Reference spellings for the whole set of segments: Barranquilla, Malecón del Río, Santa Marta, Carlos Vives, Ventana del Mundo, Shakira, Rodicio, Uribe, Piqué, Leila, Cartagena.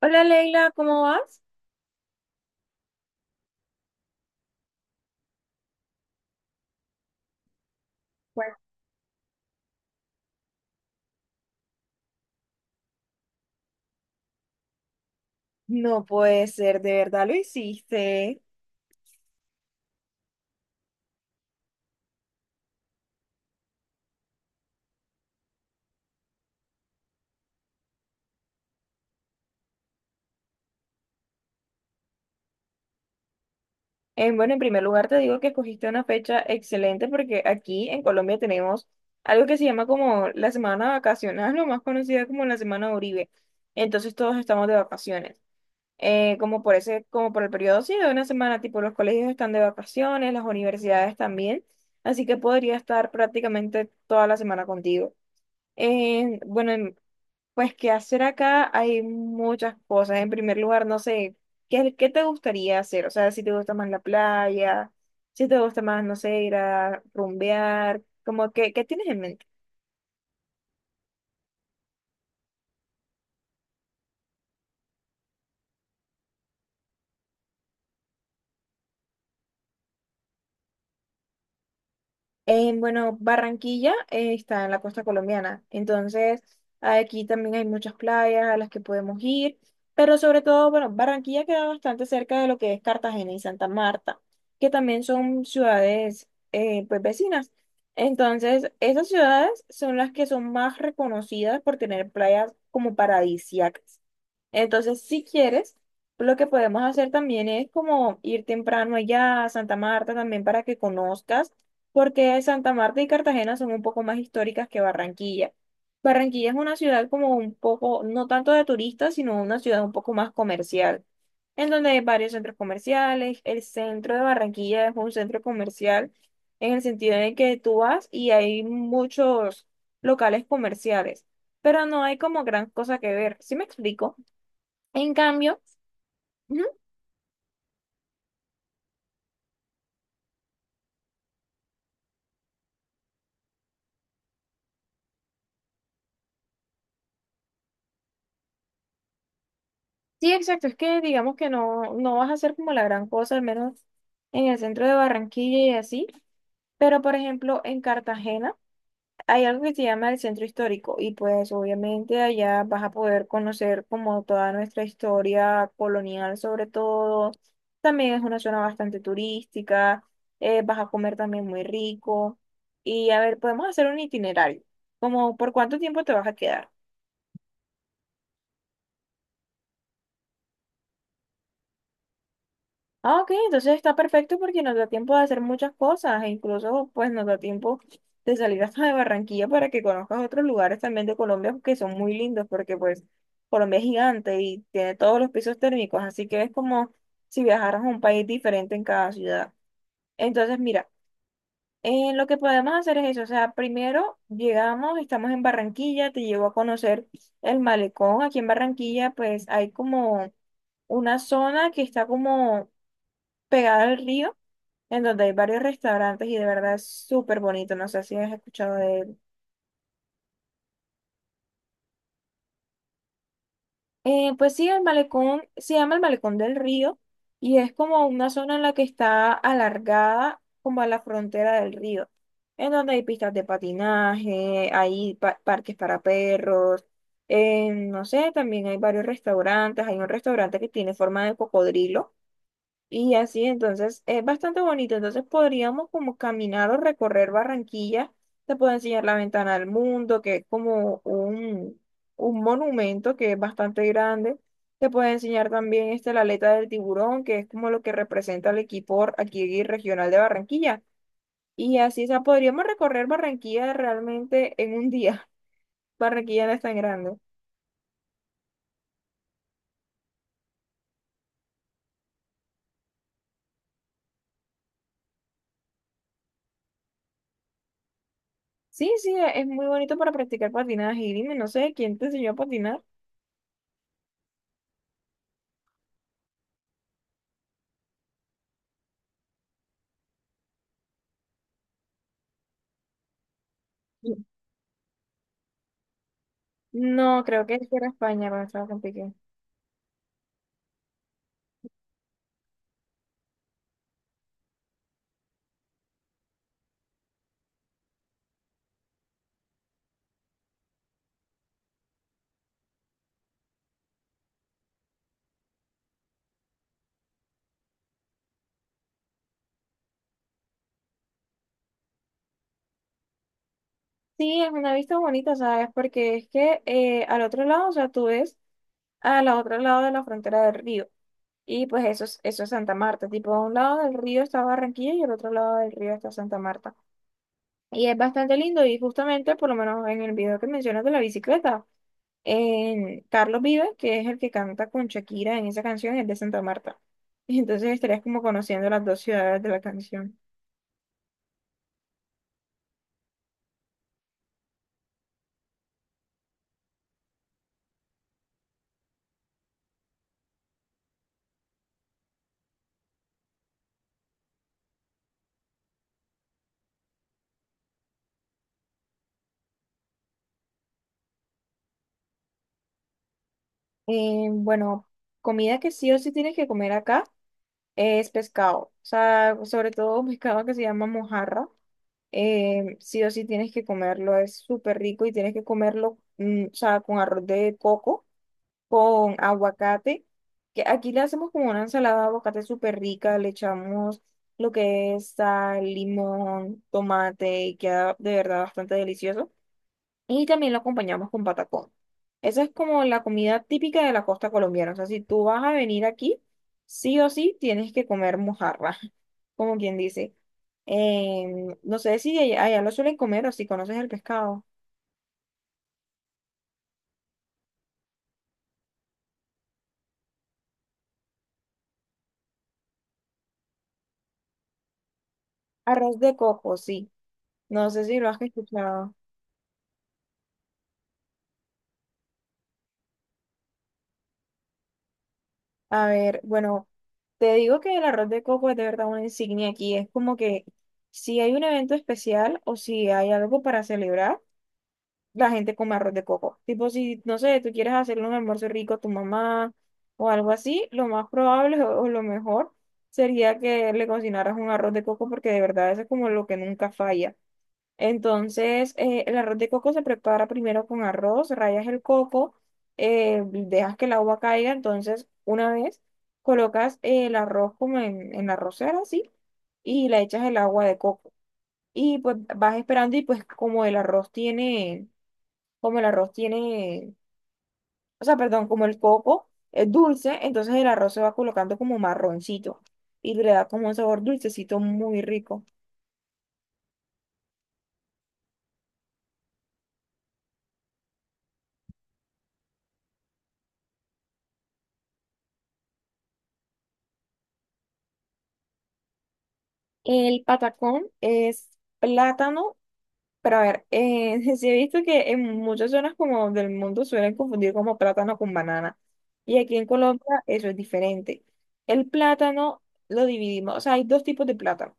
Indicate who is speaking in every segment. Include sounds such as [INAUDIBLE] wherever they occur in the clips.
Speaker 1: Hola Leila, ¿cómo vas? Pues no puede ser, de verdad lo hiciste. Bueno, en primer lugar te digo que escogiste una fecha excelente porque aquí en Colombia tenemos algo que se llama como la semana vacacional, [LAUGHS] lo más conocida como la semana Uribe. Entonces todos estamos de vacaciones. Como por ese, como por el periodo, sí, de una semana, tipo los colegios están de vacaciones, las universidades también. Así que podría estar prácticamente toda la semana contigo. Eh, bueno, Pues qué hacer acá, hay muchas cosas. En primer lugar, no sé, ¿qué te gustaría hacer? O sea, si te gusta más la playa, si te gusta más, no sé, ir a rumbear, como que, ¿qué tienes en mente? En, bueno, Barranquilla está en la costa colombiana, entonces aquí también hay muchas playas a las que podemos ir, pero sobre todo, bueno, Barranquilla queda bastante cerca de lo que es Cartagena y Santa Marta, que también son ciudades pues vecinas. Entonces, esas ciudades son las que son más reconocidas por tener playas como paradisíacas. Entonces, si quieres, lo que podemos hacer también es como ir temprano allá a Santa Marta también para que conozcas, porque Santa Marta y Cartagena son un poco más históricas que Barranquilla. Barranquilla es una ciudad como un poco, no tanto de turistas, sino una ciudad un poco más comercial, en donde hay varios centros comerciales. El centro de Barranquilla es un centro comercial en el sentido de que tú vas y hay muchos locales comerciales, pero no hay como gran cosa que ver. ¿Sí me explico? En cambio, ujú, sí, exacto, es que digamos que no, no vas a hacer como la gran cosa, al menos en el centro de Barranquilla y así, pero por ejemplo en Cartagena hay algo que se llama el centro histórico y pues obviamente allá vas a poder conocer como toda nuestra historia colonial sobre todo, también es una zona bastante turística, vas a comer también muy rico y a ver, podemos hacer un itinerario, como por cuánto tiempo te vas a quedar. Ah, ok, entonces está perfecto porque nos da tiempo de hacer muchas cosas e incluso pues nos da tiempo de salir hasta de Barranquilla para que conozcas otros lugares también de Colombia que son muy lindos porque pues Colombia es gigante y tiene todos los pisos térmicos, así que es como si viajaras a un país diferente en cada ciudad. Entonces, mira, lo que podemos hacer es eso, o sea, primero llegamos, estamos en Barranquilla, te llevo a conocer el malecón. Aquí en Barranquilla pues hay como una zona que está como pegada al río en donde hay varios restaurantes y de verdad es súper bonito. No sé si has escuchado de él. Pues sí, el malecón se llama el Malecón del Río y es como una zona en la que está alargada como a la frontera del río, en donde hay pistas de patinaje, hay parques para perros, no sé, también hay varios restaurantes. Hay un restaurante que tiene forma de cocodrilo. Y así, entonces, es bastante bonito. Entonces podríamos como caminar o recorrer Barranquilla. Te puedo enseñar la Ventana del Mundo, que es como un monumento que es bastante grande. Te puedo enseñar también este, la aleta del tiburón, que es como lo que representa el equipo aquí regional de Barranquilla. Y así, o sea, podríamos recorrer Barranquilla realmente en un día. [LAUGHS] Barranquilla no es tan grande. Sí, sí, es muy bonito para practicar patinaje. Y dime, no sé, ¿quién te enseñó a patinar? No, creo que era España cuando estaba con Piqué. Sí, es una vista bonita, ¿sabes? Porque es que al otro lado, o sea, tú ves al otro lado de la frontera del río. Y pues eso es Santa Marta. Tipo, a un lado del río está Barranquilla y al otro lado del río está Santa Marta. Y es bastante lindo y justamente, por lo menos en el video que mencionas de la bicicleta, en Carlos Vives, que es el que canta con Shakira en esa canción, es de Santa Marta. [LAUGHS] Y entonces estarías como conociendo las dos ciudades de la canción. Eh, bueno, Comida que sí o sí tienes que comer acá es pescado. O sea, sobre todo un pescado que se llama mojarra. Sí o sí tienes que comerlo, es súper rico y tienes que comerlo, o sea, con arroz de coco, con aguacate, que aquí le hacemos como una ensalada de aguacate súper rica, le echamos lo que es sal, limón, tomate y queda de verdad bastante delicioso. Y también lo acompañamos con patacón. Esa es como la comida típica de la costa colombiana. O sea, si tú vas a venir aquí, sí o sí tienes que comer mojarra, [LAUGHS] como quien dice. No sé si allá, allá lo suelen comer o si conoces el pescado. Arroz de coco, sí. No sé si lo has escuchado. A ver, bueno, te digo que el arroz de coco es de verdad una insignia aquí. Es como que si hay un evento especial o si hay algo para celebrar. La gente come arroz de coco. Tipo, si, no sé, tú quieres hacerle un almuerzo rico a tu mamá o algo así, lo más probable o lo mejor sería que le cocinaras un arroz de coco porque de verdad eso es como lo que nunca falla. Entonces, el arroz de coco se prepara primero con arroz, rayas el coco, dejas que el agua caiga, entonces una vez colocas el arroz como en la arrocera, así, y le echas el agua de coco. Y pues vas esperando y pues como el arroz tiene como el arroz tiene, o sea, perdón, como el coco es dulce, entonces el arroz se va colocando como marroncito y le da como un sabor dulcecito muy rico. El patacón es plátano. Pero a ver, [LAUGHS] sí he visto que en muchas zonas como del mundo suelen confundir como plátano con banana. Y aquí en Colombia eso es diferente. El plátano lo dividimos, o sea, hay dos tipos de plátano.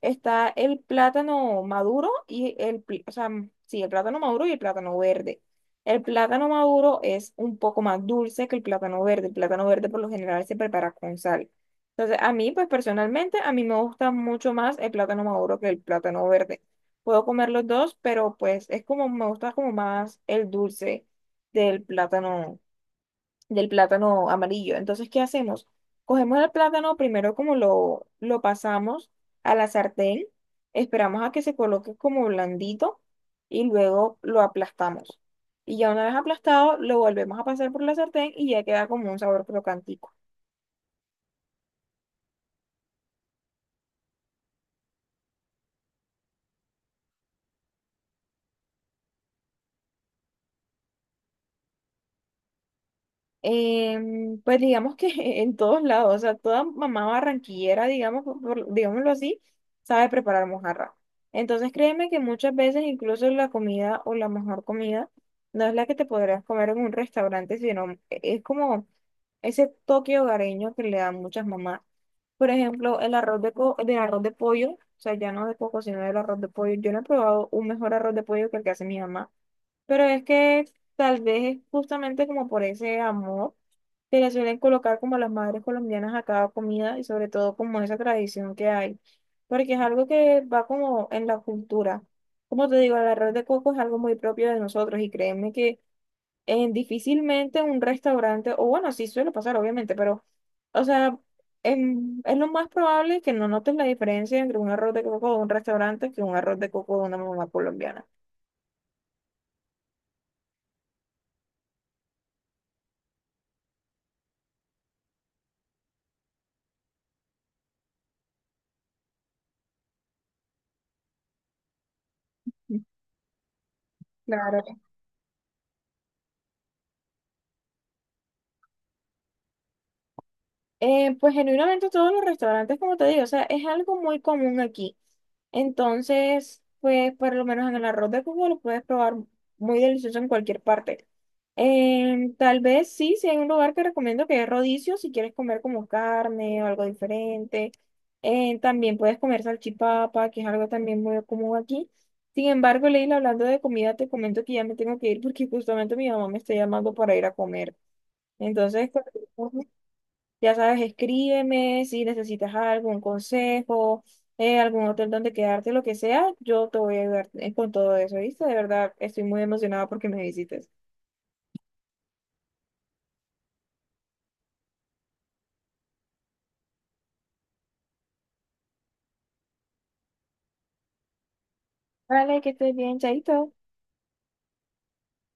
Speaker 1: Está el plátano maduro y el, pl- o sea, mm, sí, el plátano maduro y el plátano verde. El plátano maduro es un poco más dulce que el plátano verde. El plátano verde por lo general se prepara con sal. Entonces, a mí, pues personalmente, a mí me gusta mucho más el plátano maduro que el plátano verde. Puedo comer los dos, pero pues es como, me gusta como más el dulce del plátano, del plátano amarillo. Entonces, ¿qué hacemos? Cogemos el plátano, primero como lo pasamos a la sartén, esperamos a que se coloque como blandito y luego lo aplastamos. Y ya una vez aplastado, lo volvemos a pasar por la sartén y ya queda como un sabor crocantico. Pues digamos que [LAUGHS] en todos lados, o sea, toda mamá barranquillera, digamos, digámoslo así, sabe preparar mojarra. Entonces créeme que muchas veces incluso la comida o la mejor comida no es la que te podrás comer en un restaurante, sino es como ese toque hogareño que le dan muchas mamás. Por ejemplo, el arroz de, co- del arroz de pollo, o sea, ya no de coco, sino del arroz de pollo. Yo no he probado un mejor arroz de pollo que el que hace mi mamá. Pero es que tal vez es justamente como por ese amor que le suelen colocar como a las madres colombianas a cada comida y sobre todo como esa tradición que hay, porque es algo que va como en la cultura. Como te digo, el arroz de coco es algo muy propio de nosotros y créeme que difícilmente un restaurante, o bueno, sí suele pasar obviamente, pero o sea, es lo más probable que no notes la diferencia entre un arroz de coco de un restaurante que un arroz de coco de una mamá colombiana. Claro. Pues genuinamente todos los restaurantes, como te digo, o sea, es algo muy común aquí. Entonces, pues por lo menos en el arroz de Cuba lo puedes probar muy delicioso en cualquier parte. Tal vez sí, si hay un lugar que recomiendo que es Rodicio, si quieres comer como carne o algo diferente. También puedes comer salchipapa, que es algo también muy común aquí. Sin embargo, Leila, hablando de comida, te comento que ya me tengo que ir porque justamente mi mamá me está llamando para ir a comer. Entonces, ya sabes, escríbeme si necesitas algún consejo, algún hotel donde quedarte, lo que sea, yo te voy a ayudar con todo eso, ¿viste? De verdad, estoy muy emocionada porque me visites. Vale, que estés bien, chaito.